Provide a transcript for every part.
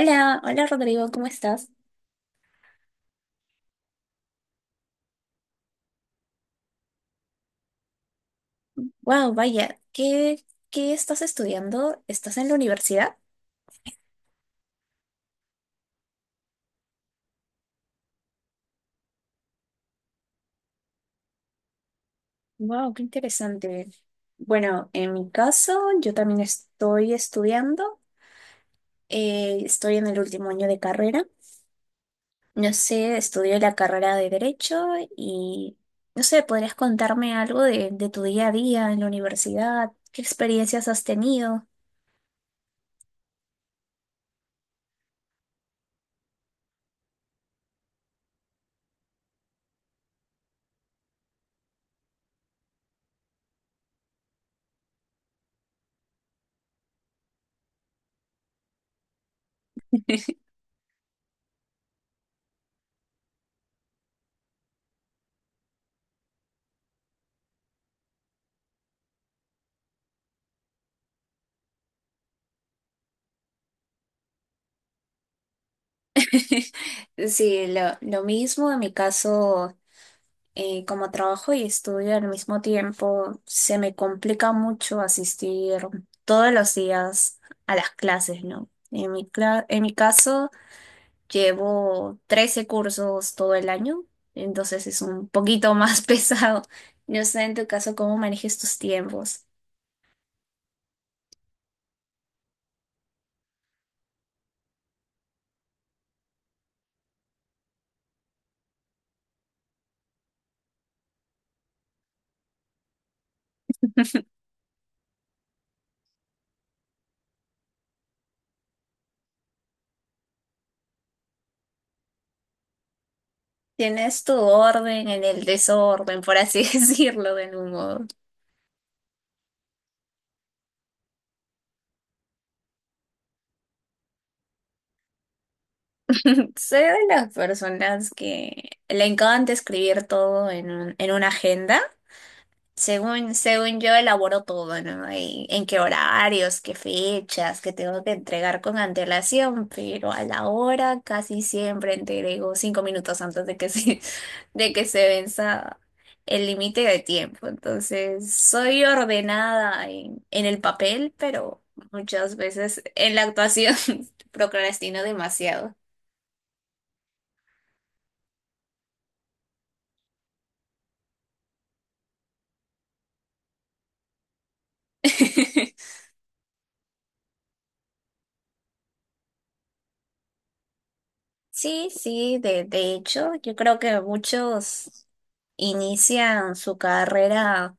Hola, hola Rodrigo, ¿cómo estás? Wow, vaya, ¿qué estás estudiando? ¿Estás en la universidad? Wow, qué interesante. Bueno, en mi caso, yo también estoy estudiando. Estoy en el último año de carrera. No sé, estudio la carrera de Derecho y no sé, ¿podrías contarme algo de tu día a día en la universidad? ¿Qué experiencias has tenido? Sí, lo mismo en mi caso. Como trabajo y estudio al mismo tiempo, se me complica mucho asistir todos los días a las clases, ¿no? En mi caso, llevo 13 cursos todo el año, entonces es un poquito más pesado. No sé en tu caso cómo manejes tus tiempos. Tienes tu orden en el desorden, por así decirlo, de algún modo. Soy de las personas que le encanta escribir todo en en una agenda. Según yo elaboro todo, ¿no? Y en qué horarios, qué fechas, que tengo que entregar con antelación, pero a la hora casi siempre entrego 5 minutos antes de de que se venza el límite de tiempo. Entonces, soy ordenada en el papel, pero muchas veces en la actuación procrastino demasiado. Sí, sí, de hecho, yo creo que muchos inician su carrera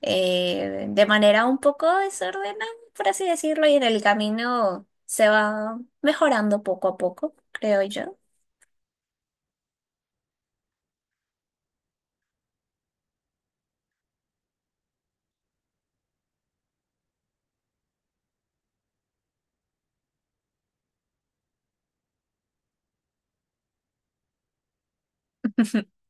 de manera un poco desordenada, por así decirlo, y en el camino se va mejorando poco a poco, creo yo.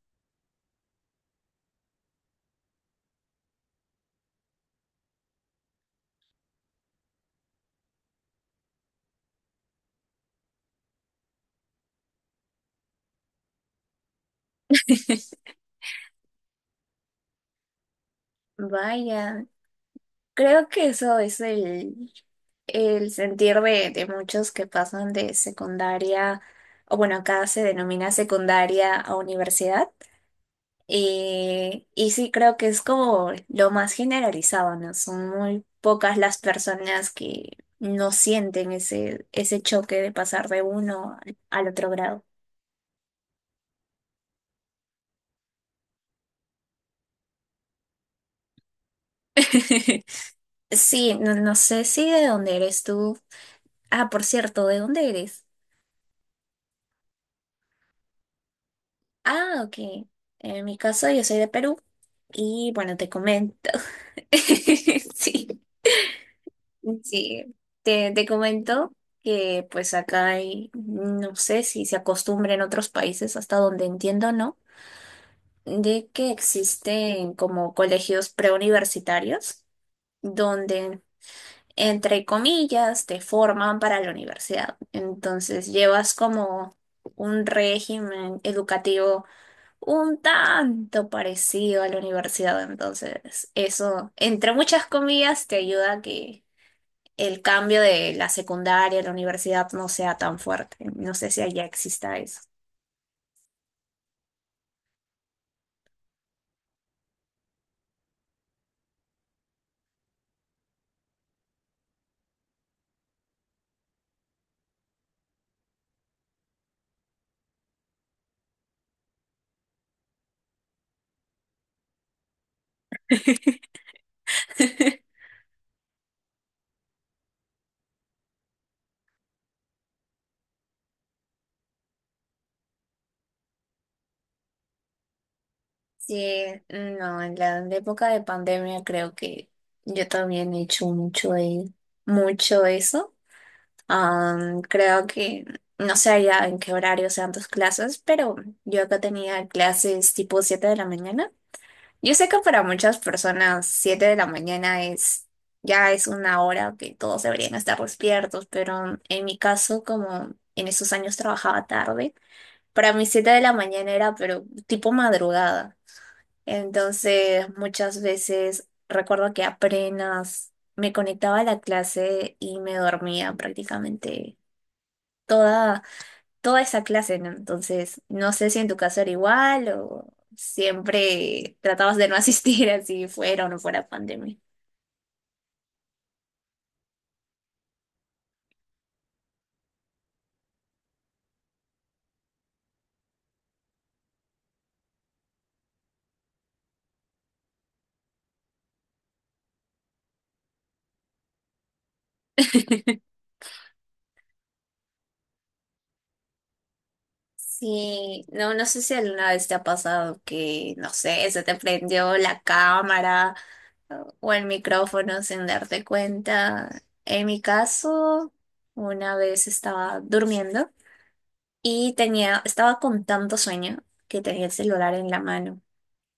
Vaya, creo que eso es el sentir de muchos que pasan de secundaria, o bueno, acá se denomina secundaria a universidad. Y sí, creo que es como lo más generalizado, ¿no? Son muy pocas las personas que no sienten ese choque de pasar de uno al otro grado. Sí, no, no sé si de dónde eres tú. Ah, por cierto, ¿de dónde eres? Ah, ok. En mi caso, yo soy de Perú y bueno, te comento. Sí. Sí, te comento que pues acá hay, no sé si se acostumbra en otros países, hasta donde entiendo, ¿no? De que existen como colegios preuniversitarios donde, entre comillas, te forman para la universidad. Entonces llevas como un régimen educativo un tanto parecido a la universidad. Entonces eso, entre muchas comillas, te ayuda a que el cambio de la secundaria a la universidad no sea tan fuerte. No sé si allá exista eso. Sí, no, en en la época de pandemia creo que yo también he hecho mucho, mucho eso. Am, creo que no sé ya en qué horario sean tus clases, pero yo acá tenía clases tipo 7 de la mañana. Yo sé que para muchas personas 7 de la mañana es ya es una hora que todos deberían estar despiertos, pero en mi caso, como en esos años trabajaba tarde, para mí 7 de la mañana era pero tipo madrugada. Entonces, muchas veces recuerdo que apenas me conectaba a la clase y me dormía prácticamente toda toda esa clase, ¿no? Entonces, no sé si en tu caso era igual o siempre tratabas de no asistir así fuera o no fuera pandemia. Sí, no, no sé si alguna vez te ha pasado que, no sé, se te prendió la cámara o el micrófono sin darte cuenta. En mi caso, una vez estaba durmiendo y estaba con tanto sueño que tenía el celular en la mano.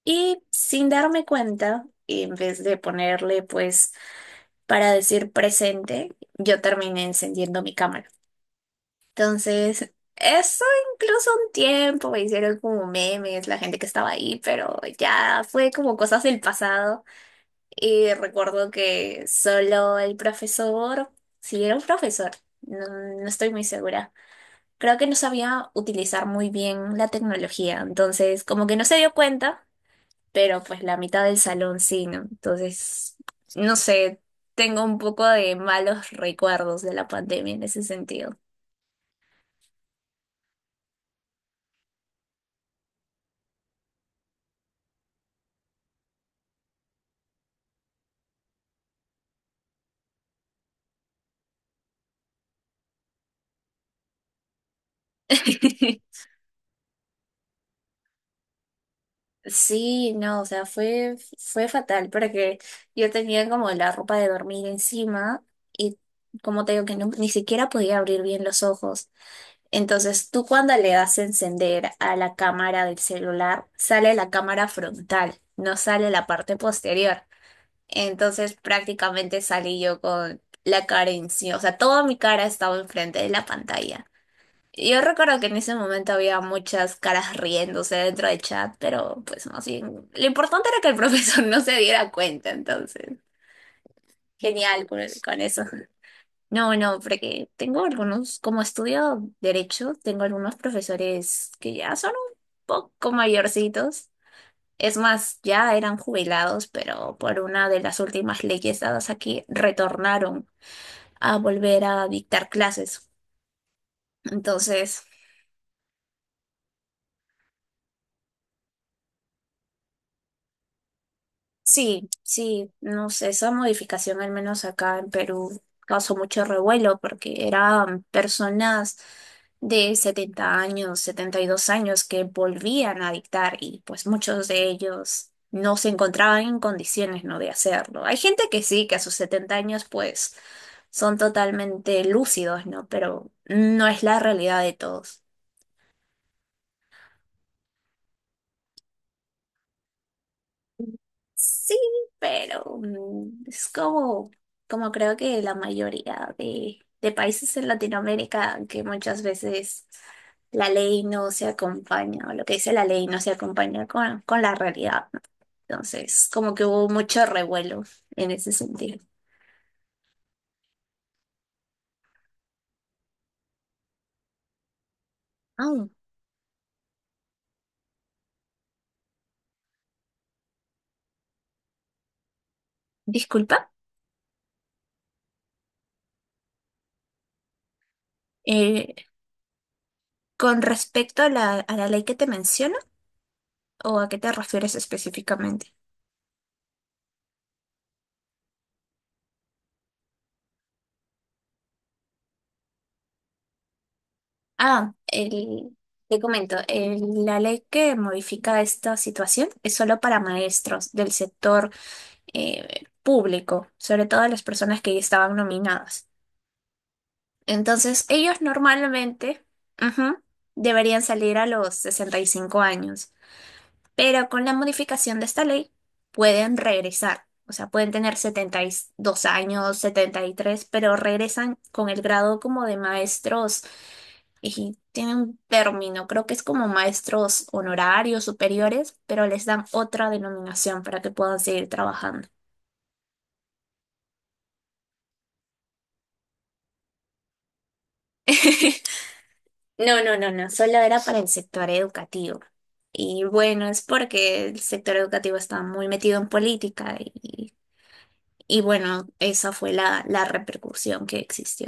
Y sin darme cuenta, en vez de ponerle pues para decir presente, yo terminé encendiendo mi cámara. Entonces, eso incluso un tiempo me hicieron como memes la gente que estaba ahí, pero ya fue como cosas del pasado. Y recuerdo que solo el profesor, si era un profesor, no, no estoy muy segura. Creo que no sabía utilizar muy bien la tecnología, entonces como que no se dio cuenta, pero pues la mitad del salón sí, ¿no? Entonces, no sé, tengo un poco de malos recuerdos de la pandemia en ese sentido. Sí, no, o sea, fue fatal porque yo tenía como la ropa de dormir encima y como te digo que ni siquiera podía abrir bien los ojos. Entonces, tú cuando le das a encender a la cámara del celular, sale la cámara frontal, no sale la parte posterior. Entonces prácticamente salí yo con la cara encima, o sea, toda mi cara estaba enfrente de la pantalla. Yo recuerdo que en ese momento había muchas caras riéndose dentro del chat, pero pues más bien, lo importante era que el profesor no se diera cuenta, entonces, genial con eso. No, no, porque tengo algunos, como estudio derecho, tengo algunos profesores que ya son un poco mayorcitos. Es más, ya eran jubilados, pero por una de las últimas leyes dadas aquí, retornaron a volver a dictar clases. Entonces, sí, sí, no sé, esa modificación al menos acá en Perú causó mucho revuelo porque eran personas de 70 años, 72 años que volvían a dictar y pues muchos de ellos no se encontraban en condiciones, ¿no? De hacerlo. Hay gente que sí, que a sus 70 años pues son totalmente lúcidos, ¿no? Pero no es la realidad de todos. Sí, pero es como, como creo que la mayoría de países en Latinoamérica, que muchas veces la ley no se acompaña, o lo que dice la ley no se acompaña con la realidad, ¿no? Entonces, como que hubo mucho revuelo en ese sentido. Ah, disculpa, eh, con respecto a a la ley que te menciono, ¿o a qué te refieres específicamente? Ah, te comento, la ley que modifica esta situación es solo para maestros del sector público, sobre todo las personas que ya estaban nominadas. Entonces, ellos normalmente, ujú, deberían salir a los 65 años, pero con la modificación de esta ley pueden regresar. O sea, pueden tener 72 años, 73, pero regresan con el grado como de maestros y tiene un término, creo que es como maestros honorarios superiores, pero les dan otra denominación para que puedan seguir trabajando. No, no, no, no, solo era para el sector educativo. Y bueno, es porque el sector educativo está muy metido en política y bueno, esa fue la repercusión que existió.